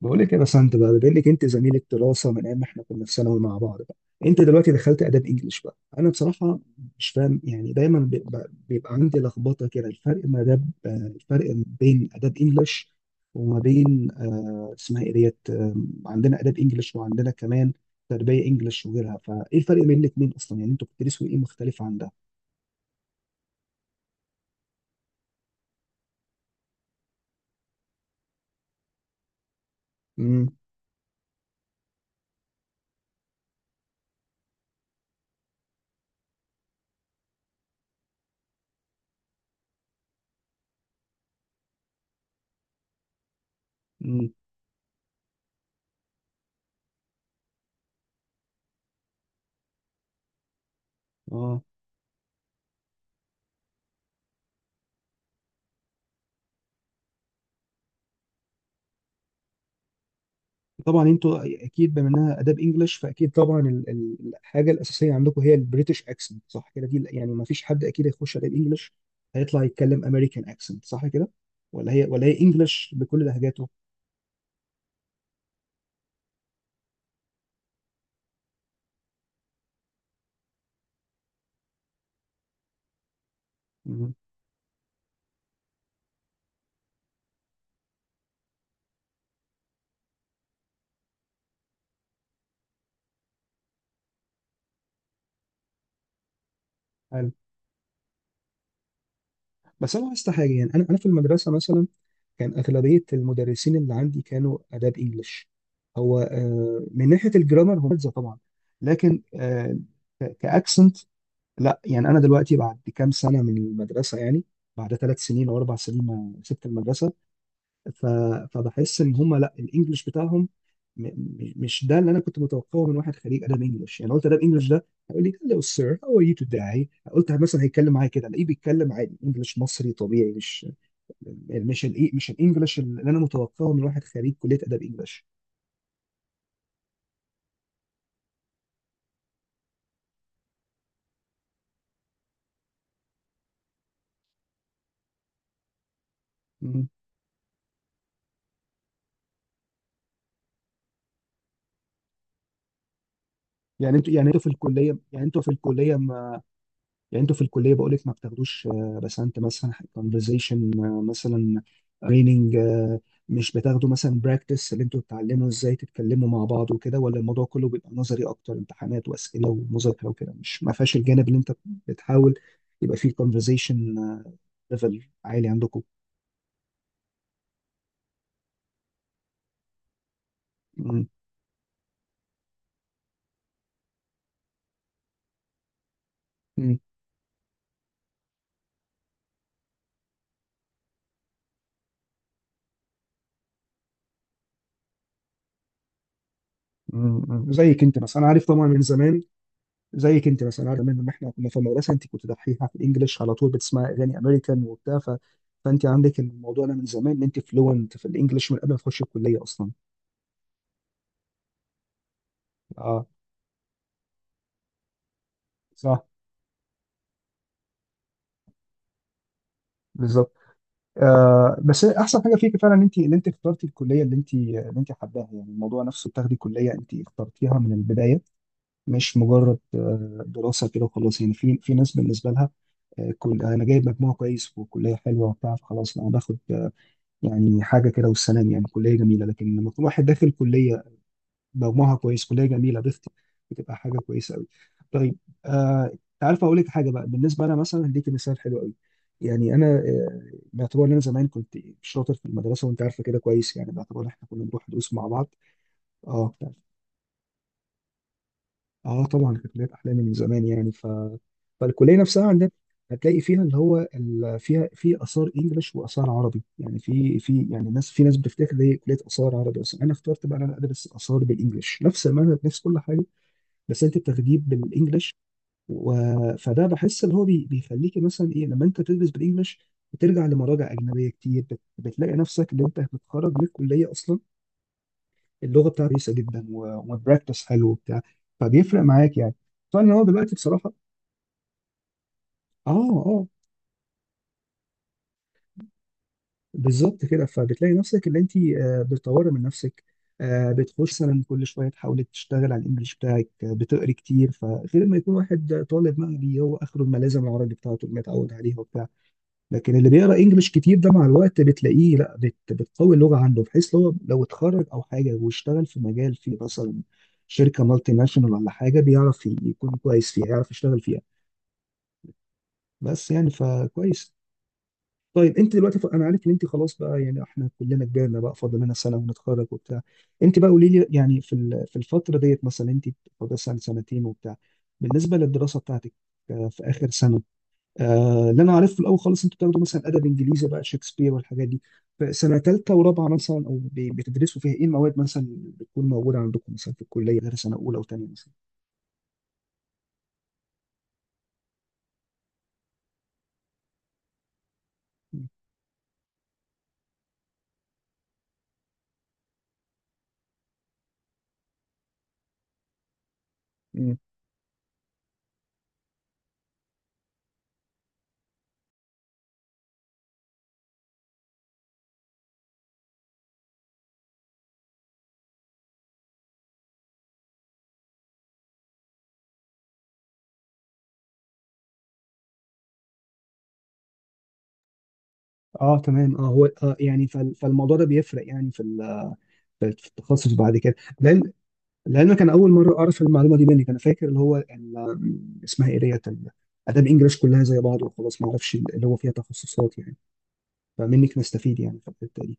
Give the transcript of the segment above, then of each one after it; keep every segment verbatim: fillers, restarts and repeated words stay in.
بقول لك إيه يا بسنت بقى، بما انك انت زميله دراسه من ايام ما احنا كنا في ثانوي مع بعض بقى. انت دلوقتي دخلت اداب انجلش بقى. انا بصراحه مش فاهم، يعني دايما بيبقى, بيبقى عندي لخبطه كده، الفرق ما اداب آه، الفرق ما بين اداب انجلش وما بين آه، اسمها ايه ديت، آه، عندنا اداب انجلش وعندنا كمان تربيه انجلش وغيرها، فايه الفرق بين الاثنين اصلا؟ يعني انتوا بتدرسوا ايه مختلف عن ده؟ امم امم اه طبعا انتوا اكيد، بما انها اداب انجلش فاكيد طبعا ال- ال- الحاجه الاساسيه عندكم هي البريتش اكسنت، صح كده؟ دي يعني ما فيش حد اكيد هيخش اداب انجلش هيطلع يتكلم امريكان اكسنت، صح كده؟ ولا هي، ولا هي انجلش بكل لهجاته. مم. حلو. بس انا لاحظت حاجه، يعني انا انا في المدرسه مثلا كان اغلبيه المدرسين اللي عندي كانوا اداب انجلش. هو آه، من ناحيه الجرامر هم طبعا، لكن آه، ك- كاكسنت لا. يعني انا دلوقتي بعد كام سنه من المدرسه، يعني بعد ثلاث سنين او اربع سنين ما سبت المدرسه، ف... فبحس ان هم لا، الانجليش بتاعهم م... م- مش ده اللي انا كنت متوقعه من واحد خريج ادب انجليش. يعني قلت ادب انجليش ده هيقول لي هلو سير هاو ار يو توداي، قلت مثلا هيتكلم معايا كده، الاقيه بيتكلم عادي انجليش مصري طبيعي، مش مش الايه مش الانجليش اللي انا متوقعه من واحد خريج كليه ادب انجليش. مم. يعني انتوا يعني انتوا في الكليه يعني انتوا في الكليه يعني انتوا في الكليه بقول لك ما بتاخدوش آه، بسنت مثلا كونفرزيشن مثلا، ريننج، مش بتاخدوا مثلا براكتس اللي انتوا بتتعلموا ازاي تتكلموا مع بعض وكده؟ ولا الموضوع كله بيبقى نظري اكتر، امتحانات واسئله ومذاكره وكده، مش ما فيهاش الجانب اللي انت بتحاول يبقى فيه كونفرزيشن ليفل عالي عندكم؟ مم. مم. مم. زيك انت مثلا، انا عارف طبعا من زمان، زيك انت مثلا، عارف زمان لما احنا كنا في المدرسه انت كنت دحيحه في الانجليش على طول، بتسمعي اغاني امريكان وبتاع، ف... فانت عندك الموضوع ده من زمان، ان انت فلوينت في الانجليش من قبل ما تخشي الكليه اصلا. اه. صح. بالظبط. آه بس احسن حاجه فيك فعلا ان انت ان انت اخترتي الكليه اللي انت اللي انت حباها. يعني الموضوع نفسه، بتاخدي كليه انت اخترتيها من البدايه، مش مجرد آه، دراسه كده وخلاص. يعني في في ناس بالنسبه لها آه، كل انا جايب مجموع كويس وكليه حلوه وبتاع، فخلاص انا باخد يعني حاجه كده والسلام. يعني كليه جميله، لكن لما يكون واحد داخل كليه ضمها كويس، كليه جميله، بت- بتبقى حاجه كويسه قوي. طيب. آه انت عارف اقول لك حاجه بقى؟ بالنسبه انا مثلا، هديك مثال حلو قوي. يعني انا آه، باعتبار ان انا زمان كنت شاطر في المدرسه، وانت عارفه كده كويس، يعني باعتبار إن احنا كنا بنروح دروس مع بعض. اه. اه طبعا، كانت لعبة احلامي من زمان، يعني ف فالكليه نفسها عندنا هتلاقي فيها اللي هو ال... فيها في اثار انجليش واثار عربي. يعني في في يعني ناس، في ناس بتفتكر هي كليه اثار عربي اصلا. انا اخترت بقى إن انا ادرس اثار بالانجليش، نفس المنهج نفس كل حاجه، بس انت بتاخديه بالانجليش، و... فده بحس اللي هو بي... بيخليك مثلا ايه، لما انت تدرس بالانجليش بترجع لمراجع اجنبيه كتير، بت... بتلاقي نفسك اللي انت بتخرج من الكليه اصلا اللغه بتاعته كويسه جدا، و- والبراكتس حلو وبتاع، فبيفرق معاك يعني. فانا هو دلوقتي بصراحه، اه، اه، بالظبط كده، فبتلاقي نفسك اللي انت آه، بتطوري من نفسك، آه، بتخش مثلا كل شويه تحاولي تشتغل على الانجليش بتاعك، آه، بتقري كتير، فغير ما يكون واحد طالب مغربي هو اخره الملازم العربي بتاعته اللي متعود عليها وبتاع. لكن اللي بيقرا انجلش كتير ده مع الوقت بتلاقيه لا، بت بتقوي اللغه عنده، بحيث لو لو اتخرج او حاجه واشتغل في مجال فيه مثلا شركه مالتي ناشونال ولا حاجه، بيعرف ي- يكون كويس فيها، يعرف يشتغل فيها بس يعني، فكويس. طيب، انت دلوقتي ف... انا عارف ان انت خلاص بقى، يعني احنا كلنا كبرنا بقى، فاضل لنا سنه ونتخرج وبتاع. انت بقى قولي لي، يعني في ال- في الفتره ديت مثلا، انت فاضل سنه سنتين وبتاع، بالنسبه للدراسه بتاعتك آه، في اخر سنه، آه، اللي انا عارفه في الاول خالص انتوا بتاخدوا مثلا ادب انجليزي بقى، شكسبير والحاجات دي. فسنه ثالثه ورابعه مثلا، او ب- بتدرسوا فيها ايه المواد مثلا اللي بتكون موجوده عندكم مثلا في الكليه، غير سنه اولى وثانيه مثلا؟ مم. مم. اه تمام، اه هو آه، يعني فال- فالموضوع ده بيفرق يعني في ال- في التخصص بعد كده. لان لان كان اول مره اعرف المعلومه دي منك. انا فاكر اللي هو ال- اسمها ايه ديت ال- اداب انجلش كلها زي بعض وخلاص، ما اعرفش اللي هو فيها تخصصات يعني، فمنك نستفيد يعني في الحته دي.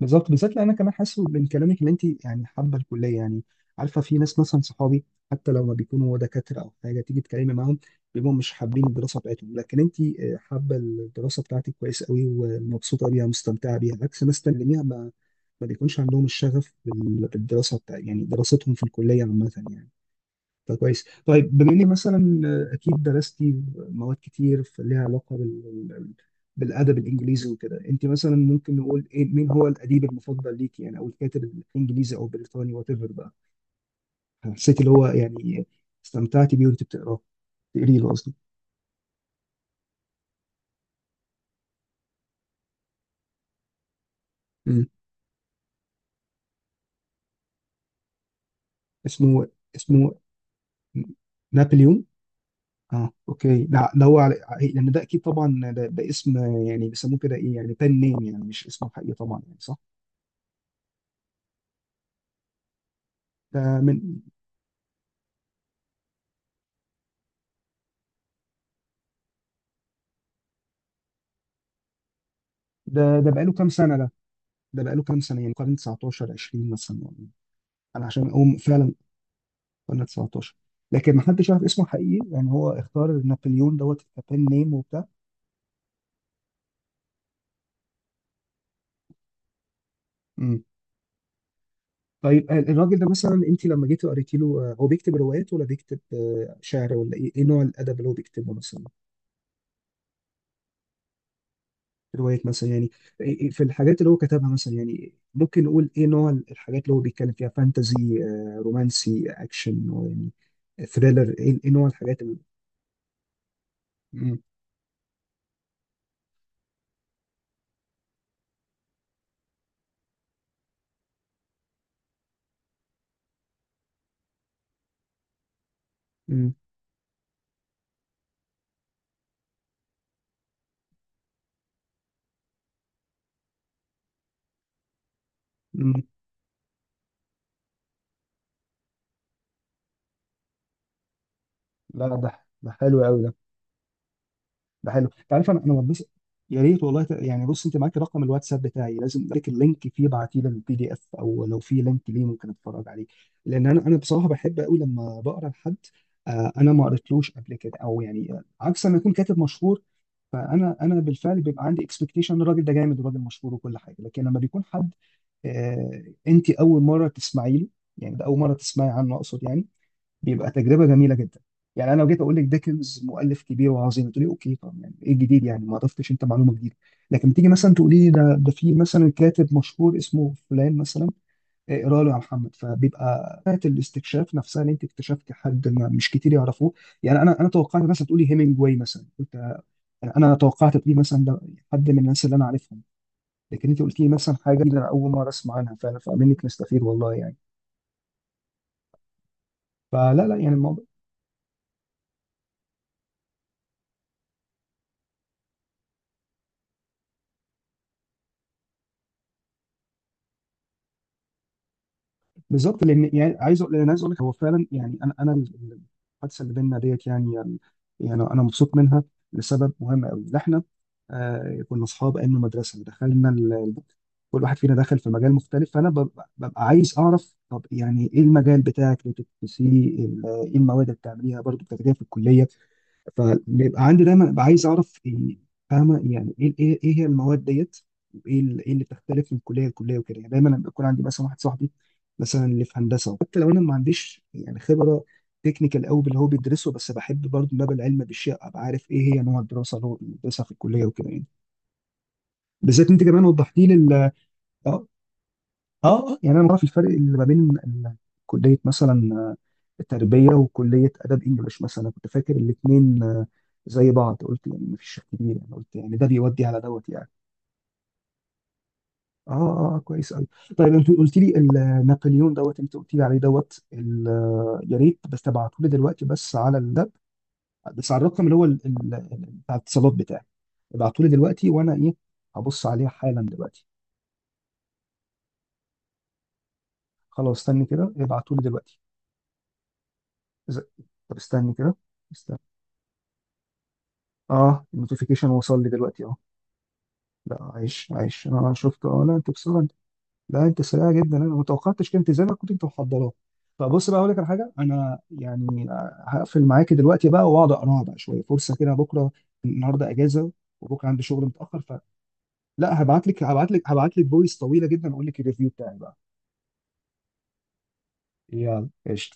بالظبط، بالذات لان انا كمان حاسس من كلامك ان انت يعني حابه الكليه يعني. عارفه في ناس مثلا صحابي حتى لو ما بيكونوا دكاتره او حاجه، تيجي تكلمي معاهم بيبقوا مش حابين الدراسه بتاعتهم. لكن انت آه، حابه الدراسه بتاعتك كويس قوي، ومبسوطه بيها، مستمتعه بيها، عكس ناس تانيين ما ما بيكونش عندهم الشغف بال- بالدراسه بتاع، يعني دراستهم في الكليه عامه يعني. فكويس. طيب، بما اني مثلا اكيد درستي مواد كتير ف- ليها علاقه بال... بال- بالادب الانجليزي وكده، انت مثلا ممكن نقول ايه، مين هو الاديب المفضل ليكي يعني، او الكاتب الانجليزي او البريطاني وات ايفر بقى، حسيتي اللي هو يعني استمتعتي بيه وانت بتقراه، تقري له قصدي. مم. اسمه، اسمه نابليون. اه اوكي، لا ده هو على... لان ده اكيد طبعا ده, ده اسم يعني بيسموه كده، ايه يعني، بن نيم، يعني مش اسمه حقيقي طبعا، يعني صح؟ ده من، ده ده بقاله كام سنه ده؟ ده بقاله كام سنه؟ يعني قرن تسعة عشر، عشرين مثلا يعني؟ انا عشان اقوم فعلا. قرن تسعة عشر، لكن ما حدش عارف اسمه حقيقي، يعني هو اختار نابليون دوت كابين نيم وبتاع. امم. طيب آه، الراجل ده مثلا انت لما جيتي قريتي له، آه، هو بيكتب روايات ولا بيكتب آه، شعر؟ ولا ايه، إيه نوع الادب اللي هو بيكتبه مثلا؟ روايات مثلا، يعني إيه- إيه، في الحاجات اللي هو كتبها مثلا، يعني ممكن نقول ايه نوع الحاجات اللي هو بيتكلم فيها؟ فانتزي، آه، رومانسي، اكشن، يعني ثريلر، ايه، إيه نوع الحاجات اللي؟ مم. مم. لا ده ده حلو قوي ده، ده حلو. انت عارف انا انا بس، يا ريت والله، ت... يعني بص، انت معاك رقم الواتساب بتاعي، لازم لك اللينك فيه، ابعتيه لي البي دي اف، او لو في لينك ليه ممكن اتفرج عليه، لان انا انا بصراحه بحب قوي لما بقرا لحد آه انا ما قريتلوش قبل كده، او يعني آه، عكس ما يكون كاتب مشهور فانا انا بالفعل بيبقى عندي اكسبكتيشن الراجل ده جامد وراجل مشهور وكل حاجه. لكن لما بيكون حد آه انت اول مره تسمعي له، يعني ده اول مره تسمعي عنه اقصد يعني، بيبقى تجربه جميله جدا. يعني انا لو جيت اقول لك ديكنز مؤلف كبير وعظيم، تقولي اوكي، طب يعني ايه الجديد، يعني ما ضفتش انت معلومه جديده. لكن تيجي مثلا تقولي لي ده، ده في مثلا كاتب مشهور اسمه فلان مثلا، إيه، اقرا له يا محمد، فبيبقى بتاعه الاستكشاف نفسها، اللي انت اكتشفتي حد ما مش كتير يعرفوه. يعني انا انا توقعت مثلا تقولي هيمنجواي مثلا، قلت آه، انا توقعت تقولي مثلا ده حد من الناس اللي انا عارفهم. لكن انت قلت لي مثلا حاجه جديدة انا اول مره اسمع عنها فعلا، فمنك نستفيد والله يعني. فلا لا يعني. بالظبط، لان يعني عايز أقول- لان عايز اقول لك هو فعلا، يعني انا انا ال- ال- الحادثه اللي بيننا ديت يعني، يعني يعني انا مبسوط منها لسبب مهم قوي، ان احنا آه كنا اصحاب ايام المدرسه، دخلنا ال- ال- كل واحد فينا دخل في مجال مختلف، فانا ببقى, ببقى عايز اعرف طب يعني ايه المجال بتاعك اللي بتدرسيه، ال- ايه المواد اللي بتعمليها برضه بتاخديها في الكليه. فبيبقى عندي دايما ببقى عايز اعرف إيه- فاهمه يعني، ايه ايه، إيه هي المواد ديت، وايه ال- ايه اللي بتختلف من كليه لكليه وكده. يعني دايما لما يكون عندي مثلا واحد صاحبي مثلا اللي في هندسه، حتى لو انا ما عنديش يعني خبره تكنيكال قوي باللي هو بيدرسه، بس بحب برضه ان انا ابقى العلم بالشيء، ابقى عارف ايه هي نوع الدراسه اللي هو بيدرسها في الكليه وكده يعني. بالذات انت كمان وضحتي لي ال- اه، اه آه، يعني انا بعرف الفرق اللي ما بين ال- كليه مثلا آه، تربيه، وكليه ادب انجليش مثلا. أنا كنت فاكر الاثنين زي بعض، قلت يعني ما فيش كبير يعني، قلت يعني ده بيودي على دوت يعني. اه اه آه، كويس قوي. طيب انت قلت لي ال- نابليون دوت، انت قلت لي عليه دوت ال- آه، يا ريت بس تبعته لي دلوقتي، بس على الدب، بس على الرقم اللي هو ال- ال- بتاع الاتصالات بتاعي. ابعته لي دلوقتي وانا ايه، هبص عليه حالا دلوقتي. خلاص استني كده، ابعته لي دلوقتي. إذا- طب استني كده، استنى. اه النوتيفيكيشن وصل لي دلوقتي اهو. لا عايش، عايش، انا شفت. اه لا، انت بسرعه. لا انت سريع جدا، انا ما توقعتش، كنت زي ما كنت انت محضراه. فبص بقى اقول لك على حاجه، انا يعني آه، هقفل معاك دلوقتي بقى واقعد اقراها بقى شويه، فرصه كده بكره، النهارده اجازه وبكره عندي شغل متاخر. فلا، هبعت لك هبعت لك هبعت لك فويس طويله جدا، اقول لك الريفيو بتاعي بقى. يلا قشطه.